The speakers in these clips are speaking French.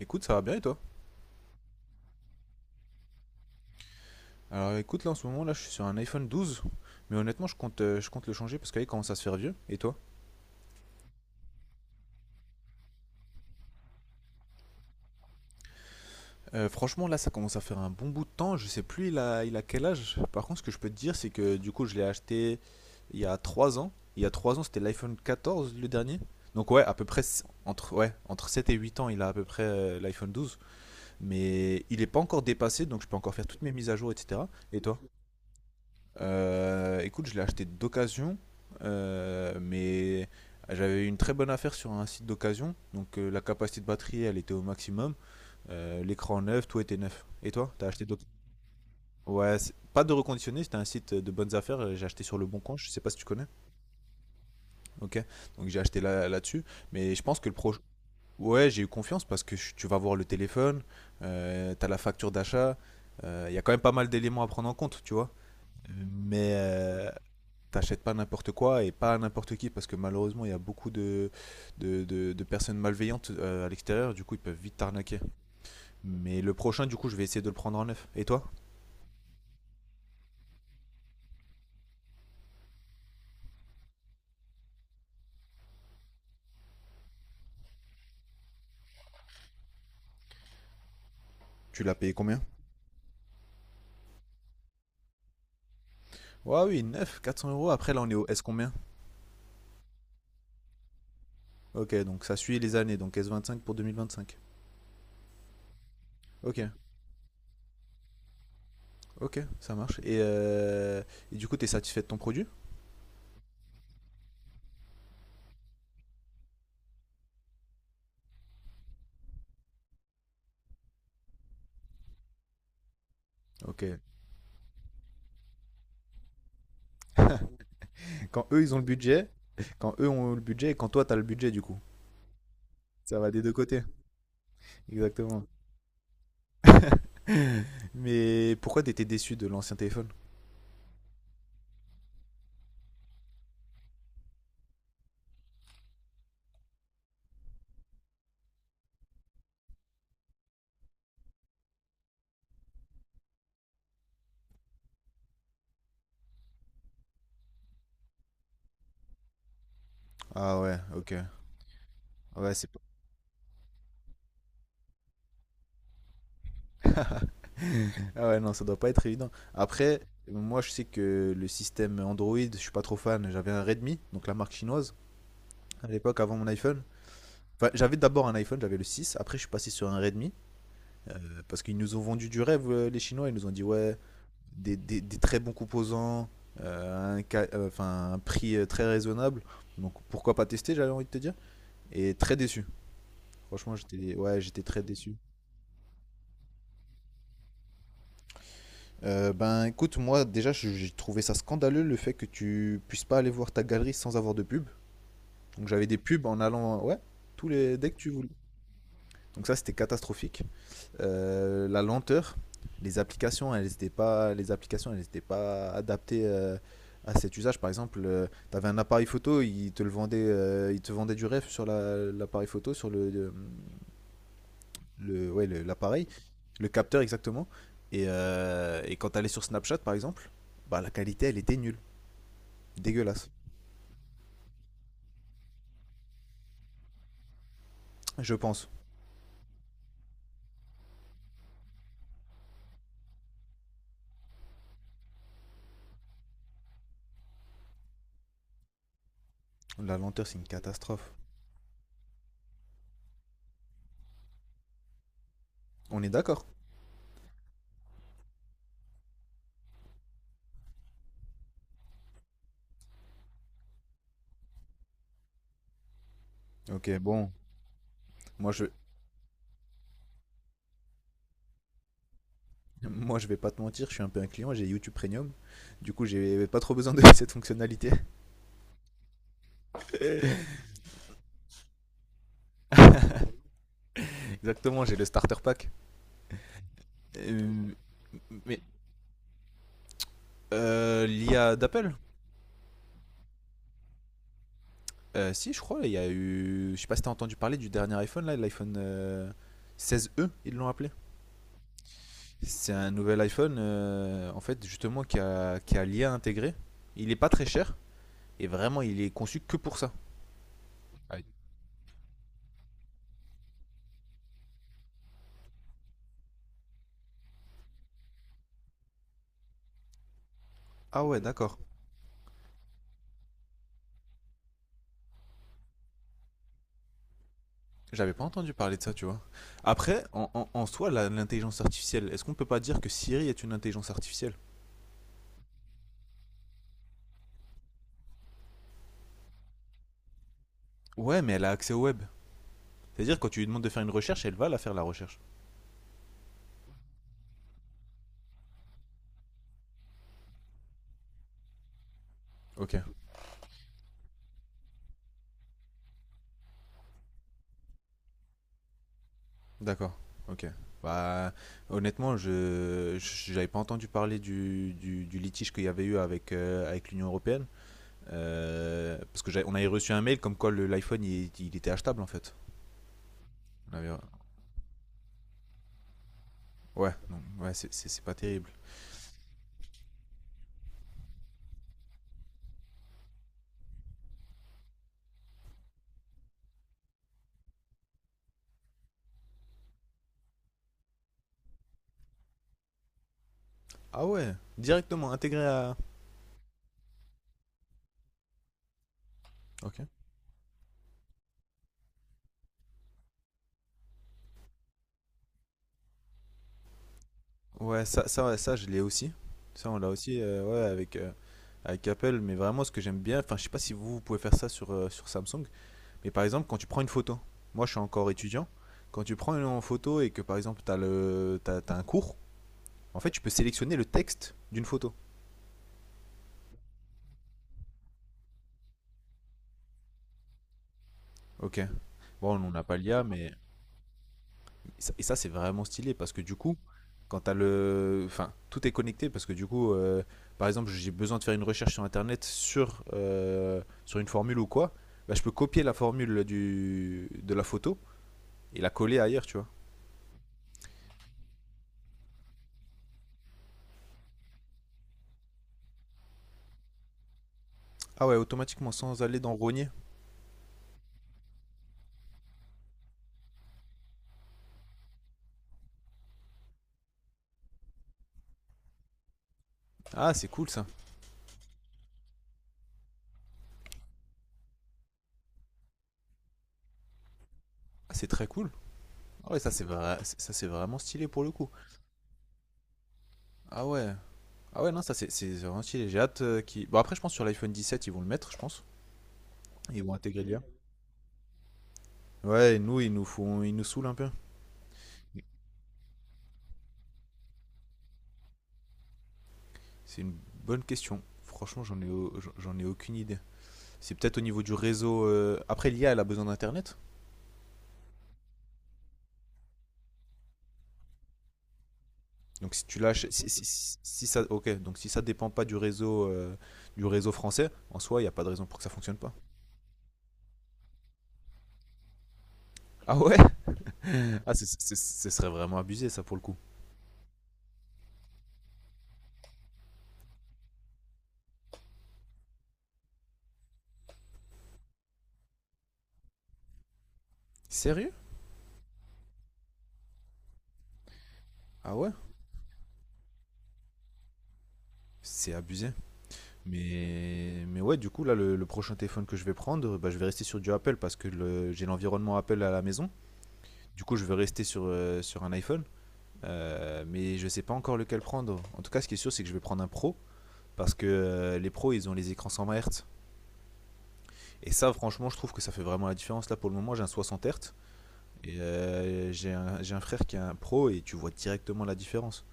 Écoute, ça va bien et toi? Alors écoute, là en ce moment, là je suis sur un iPhone 12, mais honnêtement, je compte le changer parce qu'il commence à se faire vieux. Et toi? Franchement, là ça commence à faire un bon bout de temps, je sais plus il a quel âge. Par contre, ce que je peux te dire, c'est que du coup, je l'ai acheté il y a 3 ans. Il y a 3 ans, c'était l'iPhone 14 le dernier. Donc ouais, à peu près entre 7 et 8 ans, il a à peu près l'iPhone 12, mais il n'est pas encore dépassé, donc je peux encore faire toutes mes mises à jour, etc. Et toi? Écoute, je l'ai acheté d'occasion, mais j'avais eu une très bonne affaire sur un site d'occasion. Donc la capacité de batterie, elle était au maximum. L'écran neuf, tout était neuf. Et toi, t'as acheté d'occasion? Ouais, pas de reconditionné, c'était un site de bonnes affaires. J'ai acheté sur le bon coin, je sais pas si tu connais. Ok, donc j'ai acheté là-dessus. Mais je pense que le proche. Ouais, j'ai eu confiance parce que tu vas voir le téléphone, t'as la facture d'achat. Il y a quand même pas mal d'éléments à prendre en compte, tu vois. Mais t'achètes pas n'importe quoi et pas à n'importe qui parce que malheureusement il y a beaucoup de personnes malveillantes à l'extérieur, du coup ils peuvent vite t'arnaquer. Mais le prochain, du coup, je vais essayer de le prendre en neuf. Et toi? Tu l'as payé combien? Ouais, oui, neuf, 400 euros. Après là on est au S combien? Ok, donc ça suit les années, donc s cinq pour 2025. Ok, ok, ça marche. Et du coup, t'es satisfait de ton produit? Ok. Quand eux ils ont le budget, quand eux ont le budget et quand toi t'as le budget du coup. Ça va des deux côtés, exactement. Mais pourquoi t'étais déçu de l'ancien téléphone? Ah ouais, ok. Ouais, c'est pas. Ah ouais, non, ça doit pas être évident. Après, moi, je sais que le système Android, je suis pas trop fan. J'avais un Redmi, donc la marque chinoise, à l'époque, avant mon iPhone. Enfin, j'avais d'abord un iPhone, j'avais le 6. Après, je suis passé sur un Redmi, parce qu'ils nous ont vendu du rêve, les Chinois. Ils nous ont dit, ouais, des très bons composants, enfin, un prix très raisonnable. Donc, pourquoi pas tester, j'avais envie de te dire. Et très déçu. Franchement, j'étais ouais, j'étais très déçu. Ben écoute, moi déjà j'ai trouvé ça scandaleux le fait que tu puisses pas aller voir ta galerie sans avoir de pub. Donc j'avais des pubs en allant, ouais, tous les dès que tu voulais. Donc ça c'était catastrophique. La lenteur, les applications, elles étaient pas adaptées à cet usage. Par exemple, tu avais un appareil photo, il te vendait du rêve sur l'appareil photo, sur l'appareil, capteur exactement. Et quand elle est sur Snapchat par exemple, bah, la qualité elle était nulle, dégueulasse, je pense. La lenteur c'est une catastrophe. On est d'accord? Ok, bon, moi je, moi je vais pas te mentir, je suis un peu un client, j'ai YouTube Premium, du coup j'ai pas trop besoin de cette fonctionnalité. Exactement, j'ai le starter pack. Euh, mais l'IA d'Apple? Si, je crois, il y a eu, je sais pas si t'as entendu parler du dernier iPhone là, l'iPhone 16e, ils l'ont appelé. C'est un nouvel iPhone, en fait, justement, qui a l'IA intégré. Il est pas très cher, et vraiment, il est conçu que pour ça. Aïe. Ah ouais, d'accord. J'avais pas entendu parler de ça, tu vois. Après, en soi, l'intelligence artificielle, est-ce qu'on peut pas dire que Siri est une intelligence artificielle? Ouais, mais elle a accès au web. C'est-à-dire, quand tu lui demandes de faire une recherche, elle va la faire, la recherche. Ok, d'accord, ok. Bah, honnêtement, j'avais pas entendu parler du litige qu'il y avait eu avec l'Union Européenne. Parce que on avait reçu un mail comme quoi l'iPhone il était achetable en fait. On avait- Ouais, non, ouais, c'est pas terrible. Ah ouais, directement intégré à. Ok. Ouais, ça je l'ai aussi. Ça on l'a aussi, ouais, avec Apple. Mais vraiment, ce que j'aime bien, enfin, je sais pas si vous pouvez faire ça sur sur Samsung. Mais par exemple, quand tu prends une photo, moi je suis encore étudiant. Quand tu prends une photo et que par exemple t'as le t'as t'as un cours, en fait, tu peux sélectionner le texte d'une photo. Ok. Bon, on n'a pas l'IA, mais. Et ça, c'est vraiment stylé parce que du coup, quand t'as le. Enfin, tout est connecté parce que du coup, par exemple, j'ai besoin de faire une recherche sur internet sur une formule ou quoi. Bah, je peux copier la formule du, de la photo et la coller ailleurs, tu vois. Ah ouais, automatiquement sans aller dans Rogner. Ah, c'est cool ça. Ah, c'est très cool. Ah ouais, ça c'est vrai, ça c'est vraiment stylé pour le coup. Ah ouais. Ah ouais, non, ça c'est vraiment stylé. J'ai hâte. Bon, après, je pense sur l'iPhone 17 ils vont le mettre, je pense. Ils vont intégrer l'IA. Ouais, et nous, ils nous saoulent un peu. C'est une bonne question. Franchement, j'en ai aucune idée. C'est peut-être au niveau du réseau. Après, l'IA, elle a besoin d'Internet. Donc, si tu lâches. Si, si- si- si ça. Ok, donc si ça dépend pas du réseau, du réseau français, en soi, il n'y a pas de raison pour que ça fonctionne pas. Ah ouais? Ah, ce serait vraiment abusé, ça, pour le coup. Sérieux? Ah ouais? C'est abusé. Mais ouais, du coup, là, le prochain téléphone que je vais prendre, bah, je vais rester sur du Apple parce que j'ai l'environnement Apple à la maison. Du coup, je vais rester sur un iPhone. Mais je sais pas encore lequel prendre. En tout cas, ce qui est sûr, c'est que je vais prendre un pro. Parce que les pros, ils ont les écrans 120 Hz. Et ça, franchement, je trouve que ça fait vraiment la différence. Là, pour le moment, j'ai un 60 Hz. Et j'ai un frère qui a un pro et tu vois directement la différence.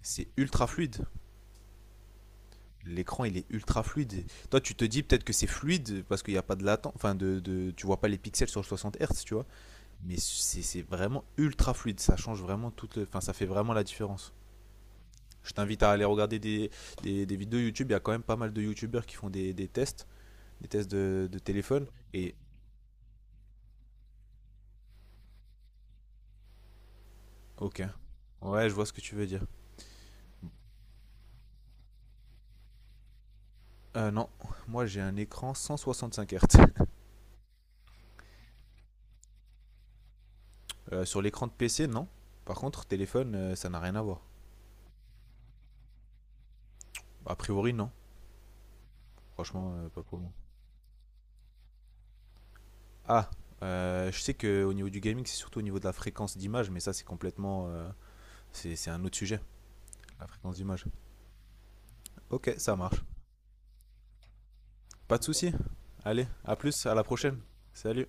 C'est ultra fluide. L'écran, il est ultra fluide. Toi, tu te dis peut-être que c'est fluide parce qu'il n'y a pas de latence. Enfin, tu vois pas les pixels sur le 60 Hz, tu vois. Mais c'est vraiment ultra fluide. Ça change vraiment toute. Enfin, ça fait vraiment la différence. Je t'invite à aller regarder des vidéos YouTube. Il y a quand même pas mal de YouTubeurs qui font des tests de téléphone. Et ok. Ouais, je vois ce que tu veux dire. Non, moi j'ai un écran 165 Hz. Sur l'écran de PC, non. Par contre, téléphone, ça n'a rien à voir. A priori, non. Franchement, pas pour moi. Ah, je sais que au niveau du gaming, c'est surtout au niveau de la fréquence d'image, mais ça, c'est complètement. C'est c'est un autre sujet, la fréquence d'image. Ok, ça marche. Pas de souci. Allez, à plus, à la prochaine. Salut.